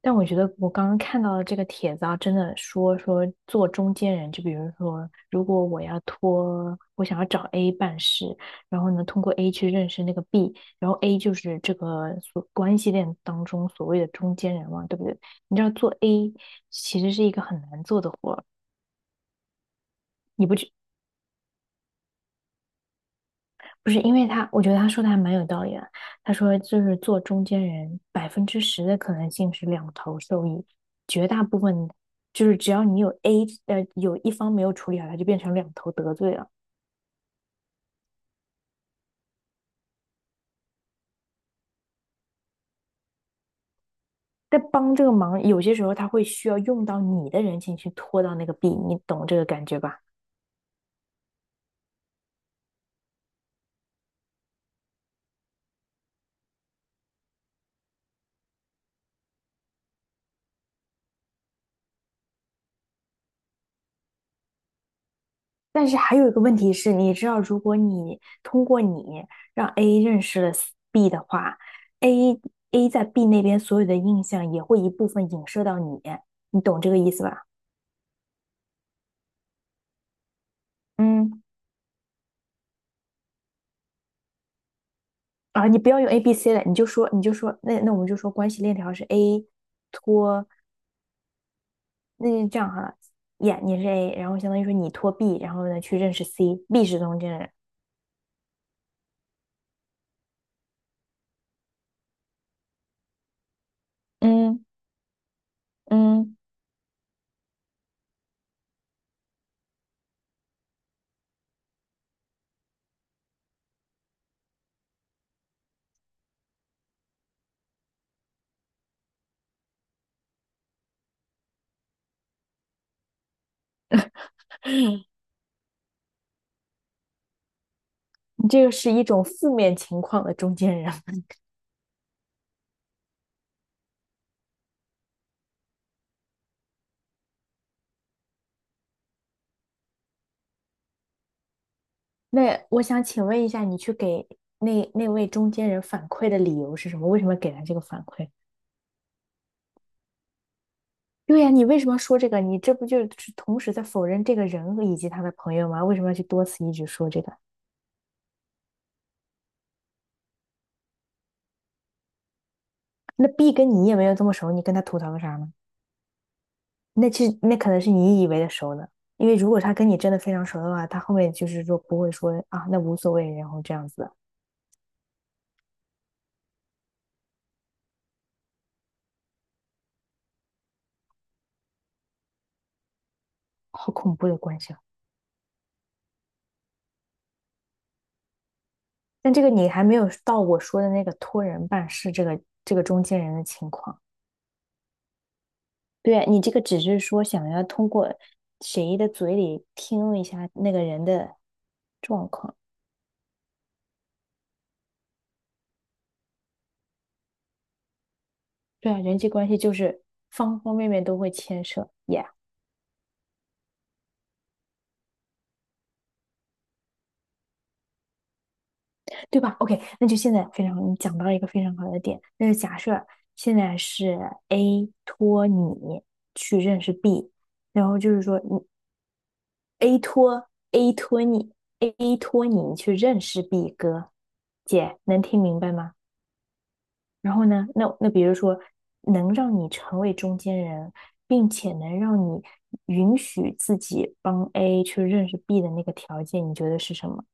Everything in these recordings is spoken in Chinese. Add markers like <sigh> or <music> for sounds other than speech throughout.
但我觉得我刚刚看到的这个帖子啊，真的说说做中间人。就比如说，如果我要托，我想要找 A 办事，然后呢，通过 A 去认识那个 B，然后 A 就是这个所关系链当中所谓的中间人嘛，对不对？你知道做 A 其实是一个很难做的活儿，你不去不是因为他，我觉得他说的还蛮有道理的。他说，就是做中间人，百分之十的可能性是两头受益，绝大部分就是只要你有 A，有一方没有处理好，他就变成两头得罪了。在帮这个忙，有些时候他会需要用到你的人情去拖到那个 B，你懂这个感觉吧？但是还有一个问题是，你知道，如果你通过你让 A 认识了 B 的话，A A 在 B 那边所有的印象也会一部分影射到你，你懂这个意思吧？嗯啊，你不要用 A B C 了，你就说那我们就说关系链条是 A 托。那就这样哈了耶你是 A，然后相当于说你托 B，然后呢去认识 C，B 是中间人。嗯嗯，<clears throat> 你这个是一种负面情况的中间人。那我想请问一下，你去给那位中间人反馈的理由是什么？为什么给他这个反馈？对呀，你为什么要说这个？你这不就是同时在否认这个人以及他的朋友吗？为什么要去多次一直说这个？那 B 跟你也没有这么熟，你跟他吐槽个啥呢？那其实那可能是你以为的熟呢，因为如果他跟你真的非常熟的话，他后面就是说不会说啊，那无所谓，然后这样子的。好恐怖的关系啊！但这个你还没有到我说的那个托人办事这个中间人的情况。对，你这个只是说想要通过谁的嘴里听一下那个人的状况。对啊，人际关系就是方方面面都会牵涉 y。 对吧？OK，那就现在非常，你讲到一个非常好的点。那就假设现在是 A 托你去认识 B，然后就是说你 A 托 A 托你 A 托你去认识 B 哥。姐能听明白吗？然后呢，那比如说，能让你成为中间人，并且能让你允许自己帮 A 去认识 B 的那个条件，你觉得是什么？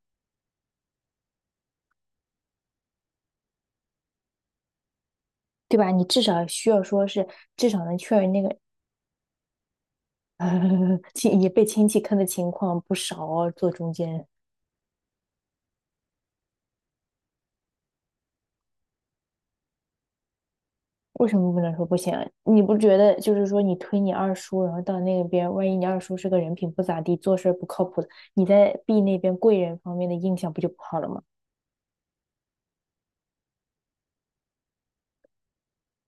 对吧？你至少需要说是至少能确认那个<laughs> 亲也被亲戚坑的情况不少哦，做中间人为什么不能说不行啊？你不觉得就是说你推你二叔，然后到那边，万一你二叔是个人品不咋地，做事儿不靠谱的，你在 B 那边贵人方面的印象不就不好了吗？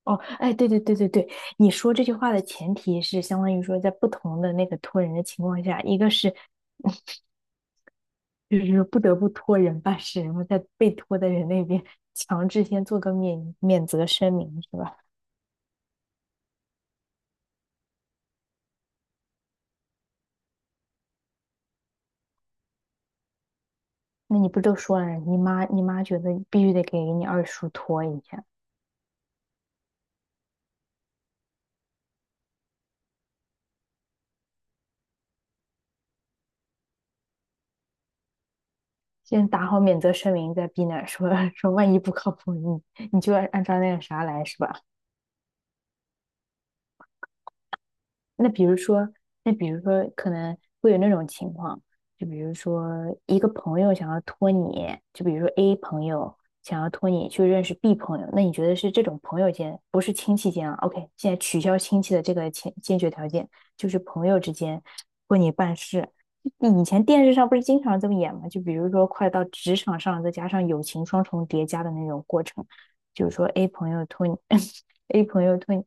哦，哎，对对对对对，你说这句话的前提是相当于说，在不同的那个托人的情况下，一个是就是说不得不托人办事，然后在被托的人那边强制先做个免责声明，是吧？那你不都说了，你妈觉得必须得给你二叔托一下。先打好免责声明再逼难，说 <laughs> 说万一不靠谱，你就按照那个啥来，是吧？那比如说，那比如说，可能会有那种情况，就比如说一个朋友想要托你，就比如说 A 朋友想要托你去认识 B 朋友，那你觉得是这种朋友间，不是亲戚间啊？OK，现在取消亲戚的这个前 t 决条件，就是朋友之间为你办事。以前电视上不是经常这么演吗？就比如说快到职场上，再加上友情双重叠加的那种过程，就是说 A 朋友托你 <laughs>，A 朋友托你。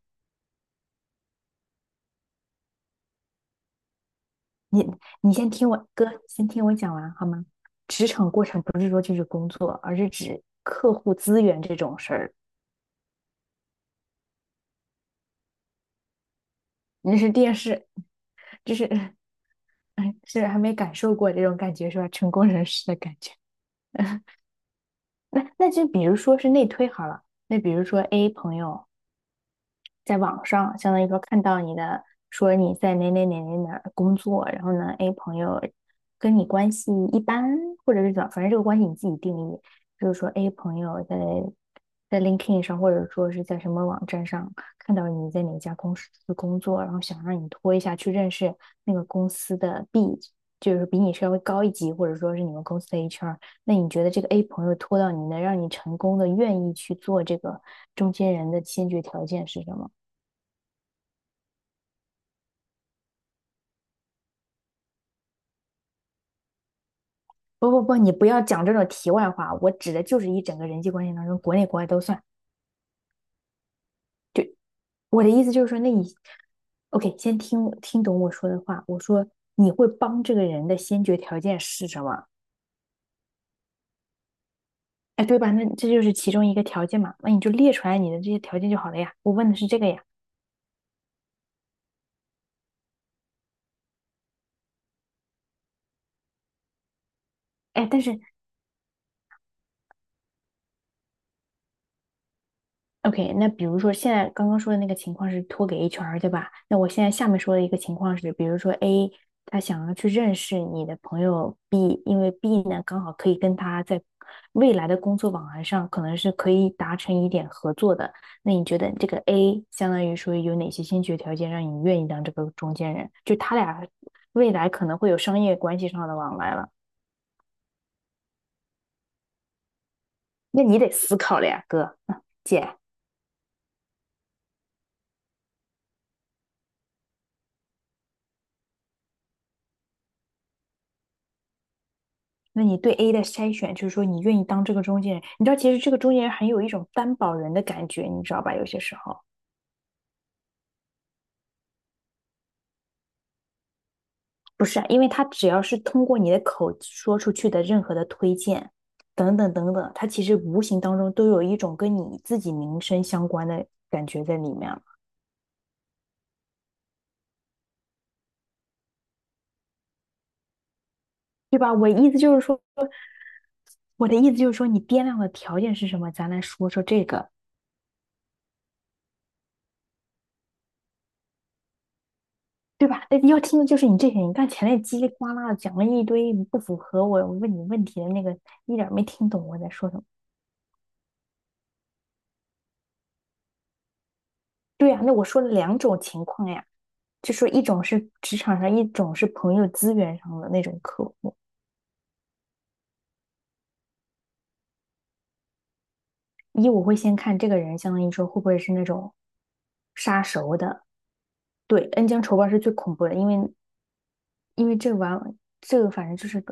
你你先听我哥，先听我讲完好吗？职场过程不是说就是工作，而是指客户资源这种事儿。你是电视，就是哎是还没感受过这种感觉是吧？成功人士的感觉。那就比如说是内推好了，那比如说 A 朋友在网上，相当于说看到你的，说你在哪哪哪哪哪儿工作，然后呢，A 朋友跟你关系一般，或者是怎么，反正这个关系你自己定义，就是说 A 朋友在LinkedIn 上，或者说是在什么网站上看到你在哪家公司工作，然后想让你拖一下去认识那个公司的 B，就是比你稍微高一级，或者说是你们公司的 HR。那你觉得这个 A 朋友拖到你能让你成功的愿意去做这个中间人的先决条件是什么？不不不，你不要讲这种题外话，我指的就是一整个人际关系当中，国内国外都算。我的意思就是说，那你，OK，先听懂我说的话。我说你会帮这个人的先决条件是什么？哎，对吧？那这就是其中一个条件嘛，那你就列出来你的这些条件就好了呀。我问的是这个呀。哎，但是 OK，那比如说现在刚刚说的那个情况是托给 HR，对吧？那我现在下面说的一个情况是，比如说 A 他想要去认识你的朋友 B，因为 B 呢刚好可以跟他在未来的工作往来上可能是可以达成一点合作的。那你觉得这个 A 相当于说有哪些先决条件让你愿意当这个中间人？就他俩未来可能会有商业关系上的往来了。那你得思考了呀，<laughs> 哥，姐。那你对 A 的筛选，就是说你愿意当这个中间人，你知道，其实这个中间人很有一种担保人的感觉，你知道吧？有些时候不是啊，因为他只要是通过你的口说出去的任何的推荐，等等等等，他其实无形当中都有一种跟你自己名声相关的感觉在里面了，对吧？我意思就是说，我的意思就是说，你掂量的条件是什么？咱来说说这个。对吧？那要听的就是你这些，你看前面叽里呱啦的讲了一堆不符合我问你问题的那个，一点儿没听懂我在说什么。对呀，那我说了两种情况呀，就说一种是职场上，一种是朋友资源上的那种客户。一我会先看这个人，相当于说会不会是那种杀熟的。对，恩将仇报是最恐怖的，因为这个反正就是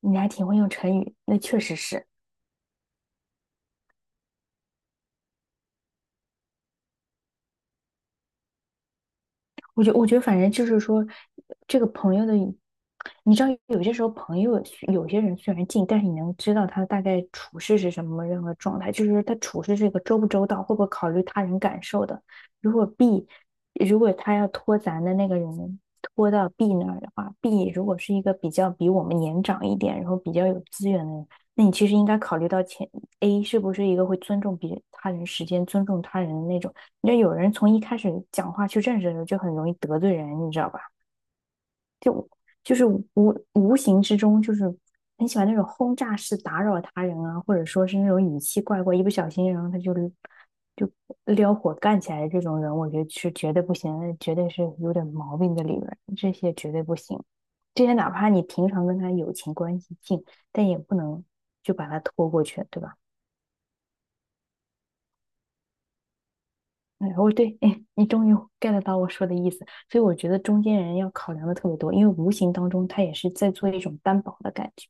你还挺会用成语，那确实是。我觉得反正就是说，这个朋友的，你知道有些时候朋友有些人虽然近，但是你能知道他大概处事是什么任何状态，就是他处事这个周不周到，会不会考虑他人感受的。如果 B，如果他要拖咱的那个人拖到 B 那儿的话，B 如果是一个比较比我们年长一点，然后比较有资源的人，那你其实应该考虑到前 A 是不是一个会尊重别他人时间、尊重他人的那种。那有人从一开始讲话去认识的时候，就很容易得罪人，你知道吧？就是无无形之中，就是很喜欢那种轰炸式打扰他人啊，或者说是那种语气怪怪，一不小心，然后他就撩火干起来的这种人，我觉得是绝对不行，那绝对是有点毛病的，里面这些绝对不行。这些哪怕你平常跟他友情关系近，但也不能就把他拖过去，对吧？哎，我对，哎，你终于 get 到我说的意思，所以我觉得中间人要考量的特别多，因为无形当中他也是在做一种担保的感觉。